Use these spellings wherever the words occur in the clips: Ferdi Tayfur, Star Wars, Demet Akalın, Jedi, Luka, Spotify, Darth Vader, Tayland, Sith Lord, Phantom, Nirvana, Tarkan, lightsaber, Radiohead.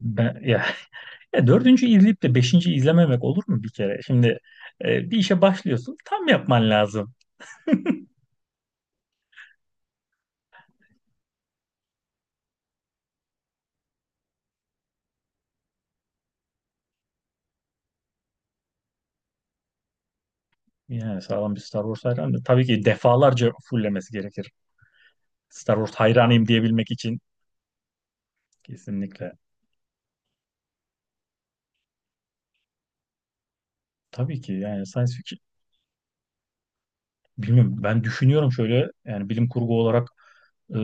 Ben, ya, ya dördüncü izleyip de beşinci izlememek olur mu bir kere? Şimdi bir işe başlıyorsun tam yapman lazım. Yani sağlam bir Star Wars hayranı. Tabii ki defalarca fullemesi gerekir. Star Wars hayranıyım diyebilmek için kesinlikle. Tabii ki yani science fiction bilmiyorum, ben düşünüyorum şöyle, yani bilim kurgu olarak e,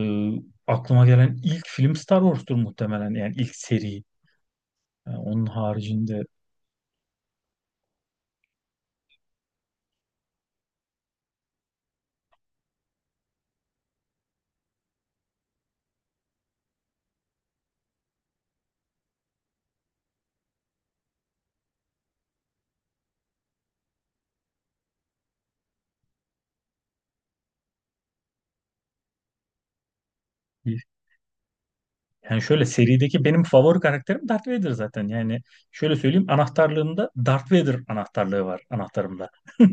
aklıma gelen ilk film Star Wars'tur muhtemelen, yani ilk seri. Yani onun haricinde yani şöyle, serideki benim favori karakterim Darth Vader zaten. Yani şöyle söyleyeyim, anahtarlığımda Darth Vader anahtarlığı var, anahtarımda.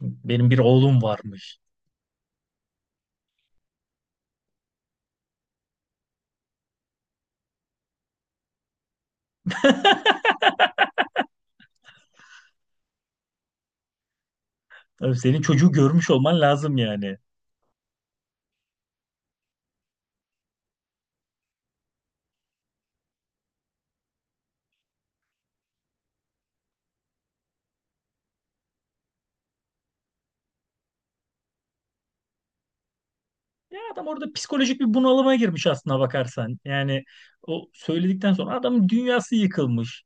Benim bir oğlum varmış. Tabii senin çocuğu görmüş olman lazım yani. Ya adam orada psikolojik bir bunalıma girmiş aslına bakarsan. Yani o söyledikten sonra adamın dünyası yıkılmış.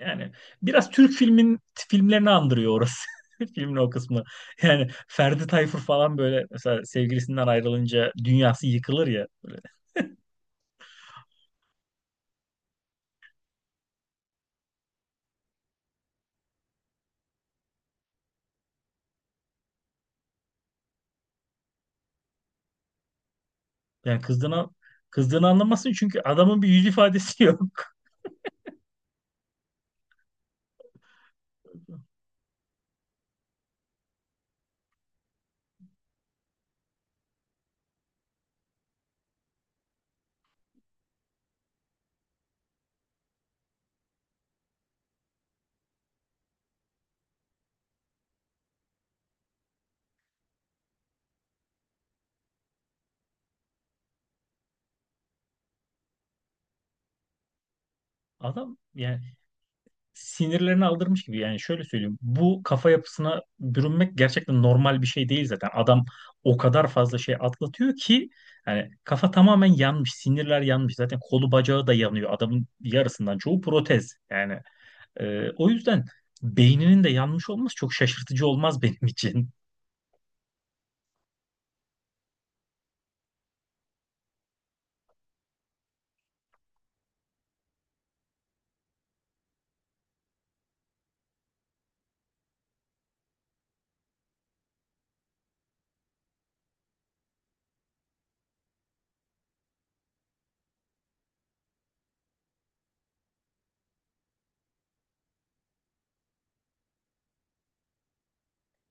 Yani biraz Türk filmlerini andırıyor orası. Filmin o kısmı. Yani Ferdi Tayfur falan, böyle mesela sevgilisinden ayrılınca dünyası yıkılır ya. Böyle yani kızdığını anlamasın, çünkü adamın bir yüz ifadesi yok. Adam yani sinirlerini aldırmış gibi, yani şöyle söyleyeyim. Bu kafa yapısına bürünmek gerçekten normal bir şey değil zaten. Adam o kadar fazla şey atlatıyor ki yani kafa tamamen yanmış, sinirler yanmış. Zaten kolu bacağı da yanıyor. Adamın yarısından çoğu protez. Yani o yüzden beyninin de yanmış olması çok şaşırtıcı olmaz benim için.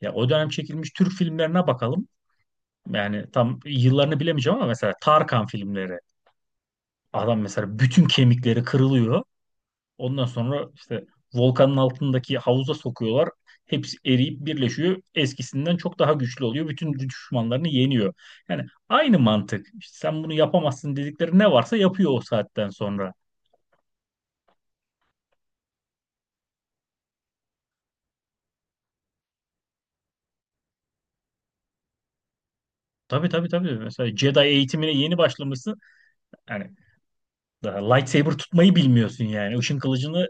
Ya o dönem çekilmiş Türk filmlerine bakalım. Yani tam yıllarını bilemeyeceğim ama mesela Tarkan filmleri. Adam mesela bütün kemikleri kırılıyor. Ondan sonra işte volkanın altındaki havuza sokuyorlar. Hepsi eriyip birleşiyor. Eskisinden çok daha güçlü oluyor. Bütün düşmanlarını yeniyor. Yani aynı mantık. İşte sen bunu yapamazsın dedikleri ne varsa yapıyor o saatten sonra. Tabii, tabii, tabii. Mesela Jedi eğitimine yeni başlamışsın. Yani daha lightsaber tutmayı bilmiyorsun yani. Işın kılıcını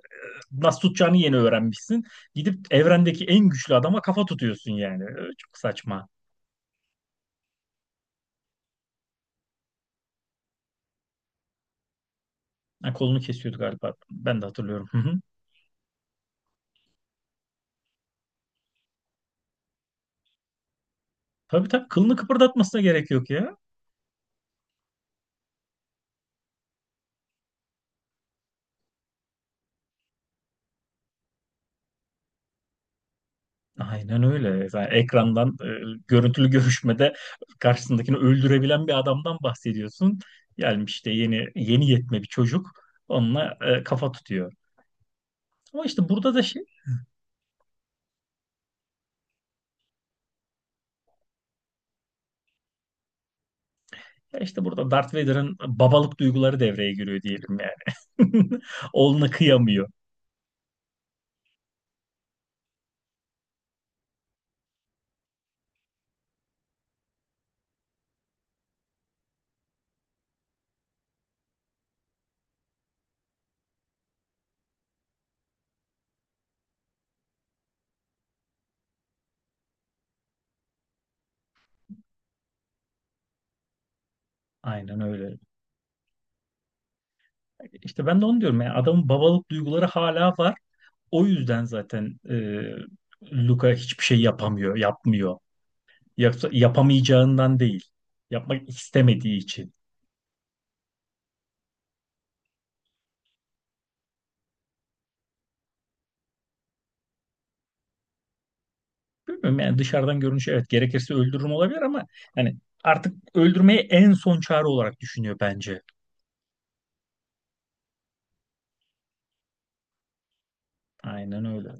nasıl tutacağını yeni öğrenmişsin. Gidip evrendeki en güçlü adama kafa tutuyorsun yani. E, çok saçma. Ha, kolunu kesiyordu galiba. Ben de hatırlıyorum. Hı hı. Tabii, tabii, kılını kıpırdatmasına gerek yok ya. Aynen öyle. Yani ekrandan görüntülü görüşmede karşısındakini öldürebilen bir adamdan bahsediyorsun. Gelmiş işte yeni yeni yetme bir çocuk onunla kafa tutuyor. Ama işte burada da şey, ya İşte burada Darth Vader'ın babalık duyguları devreye giriyor diyelim yani. Oğluna kıyamıyor. Aynen öyle. İşte ben de onu diyorum, ya adamın babalık duyguları hala var. O yüzden zaten Luka hiçbir şey yapamıyor, yapmıyor. Yoksa yapamayacağından değil. Yapmak istemediği için. Bilmiyorum yani, dışarıdan görünüşü evet gerekirse öldürürüm olabilir ama yani artık öldürmeyi en son çare olarak düşünüyor bence. Aynen öyle.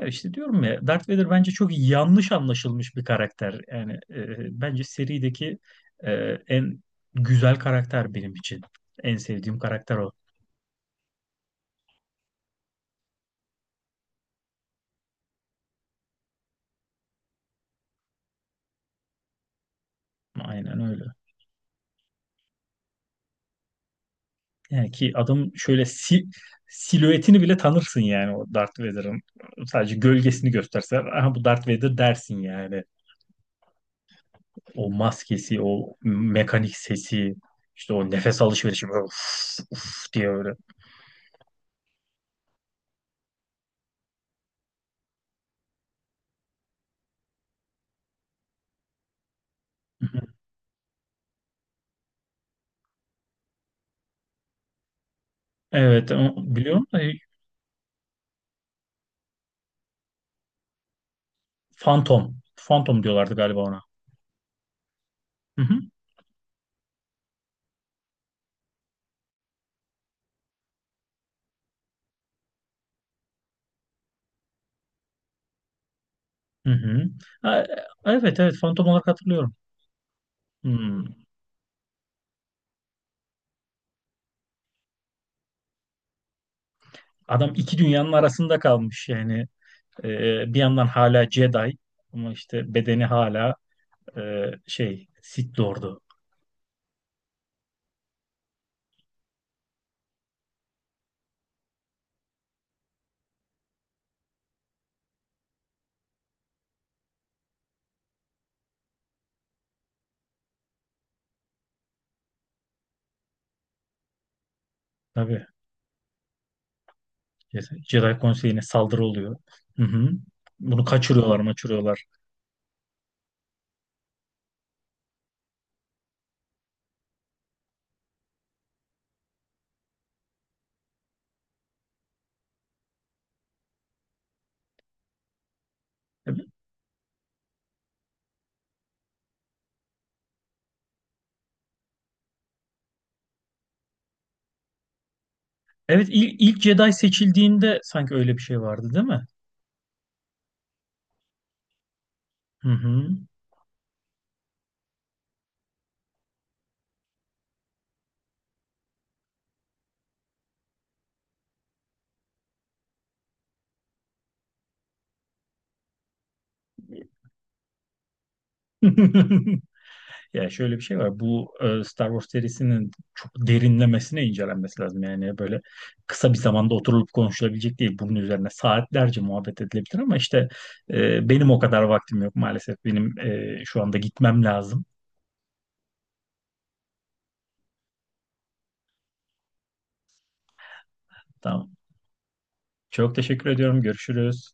Ya işte diyorum ya, Darth Vader bence çok yanlış anlaşılmış bir karakter. Yani bence serideki e, en güzel karakter benim için. En sevdiğim karakter o. Aynen öyle. Yani ki adam şöyle silüetini bile tanırsın yani, o Darth Vader'ın. Sadece gölgesini gösterse, aha bu Darth Vader dersin yani. O maskesi, o mekanik sesi, işte o nefes alışverişi, böyle uf, uf diye öyle. Hı hı. Evet, o- biliyorum da Phantom. Phantom diyorlardı galiba ona. Hı hı. Hı hı. Ha, evet evet Phantom olarak hatırlıyorum. Hmm. Adam iki dünyanın arasında kalmış yani. Bir yandan hala Jedi ama işte bedeni hala e, şey, Sith Lord'u. Tabii. Jedi Konseyi'ne saldırı oluyor. Hı hı. Bunu kaçırıyorlar, maçırıyorlar. Evet, ilk Jedi seçildiğinde sanki öyle bir şey vardı, değil mi? Hı hı. Ya şöyle bir şey var. Bu Star Wars serisinin çok derinlemesine incelenmesi lazım. Yani böyle kısa bir zamanda oturulup konuşulabilecek değil. Bunun üzerine saatlerce muhabbet edilebilir ama işte benim o kadar vaktim yok maalesef. Benim şu anda gitmem lazım. Tamam. Çok teşekkür ediyorum. Görüşürüz.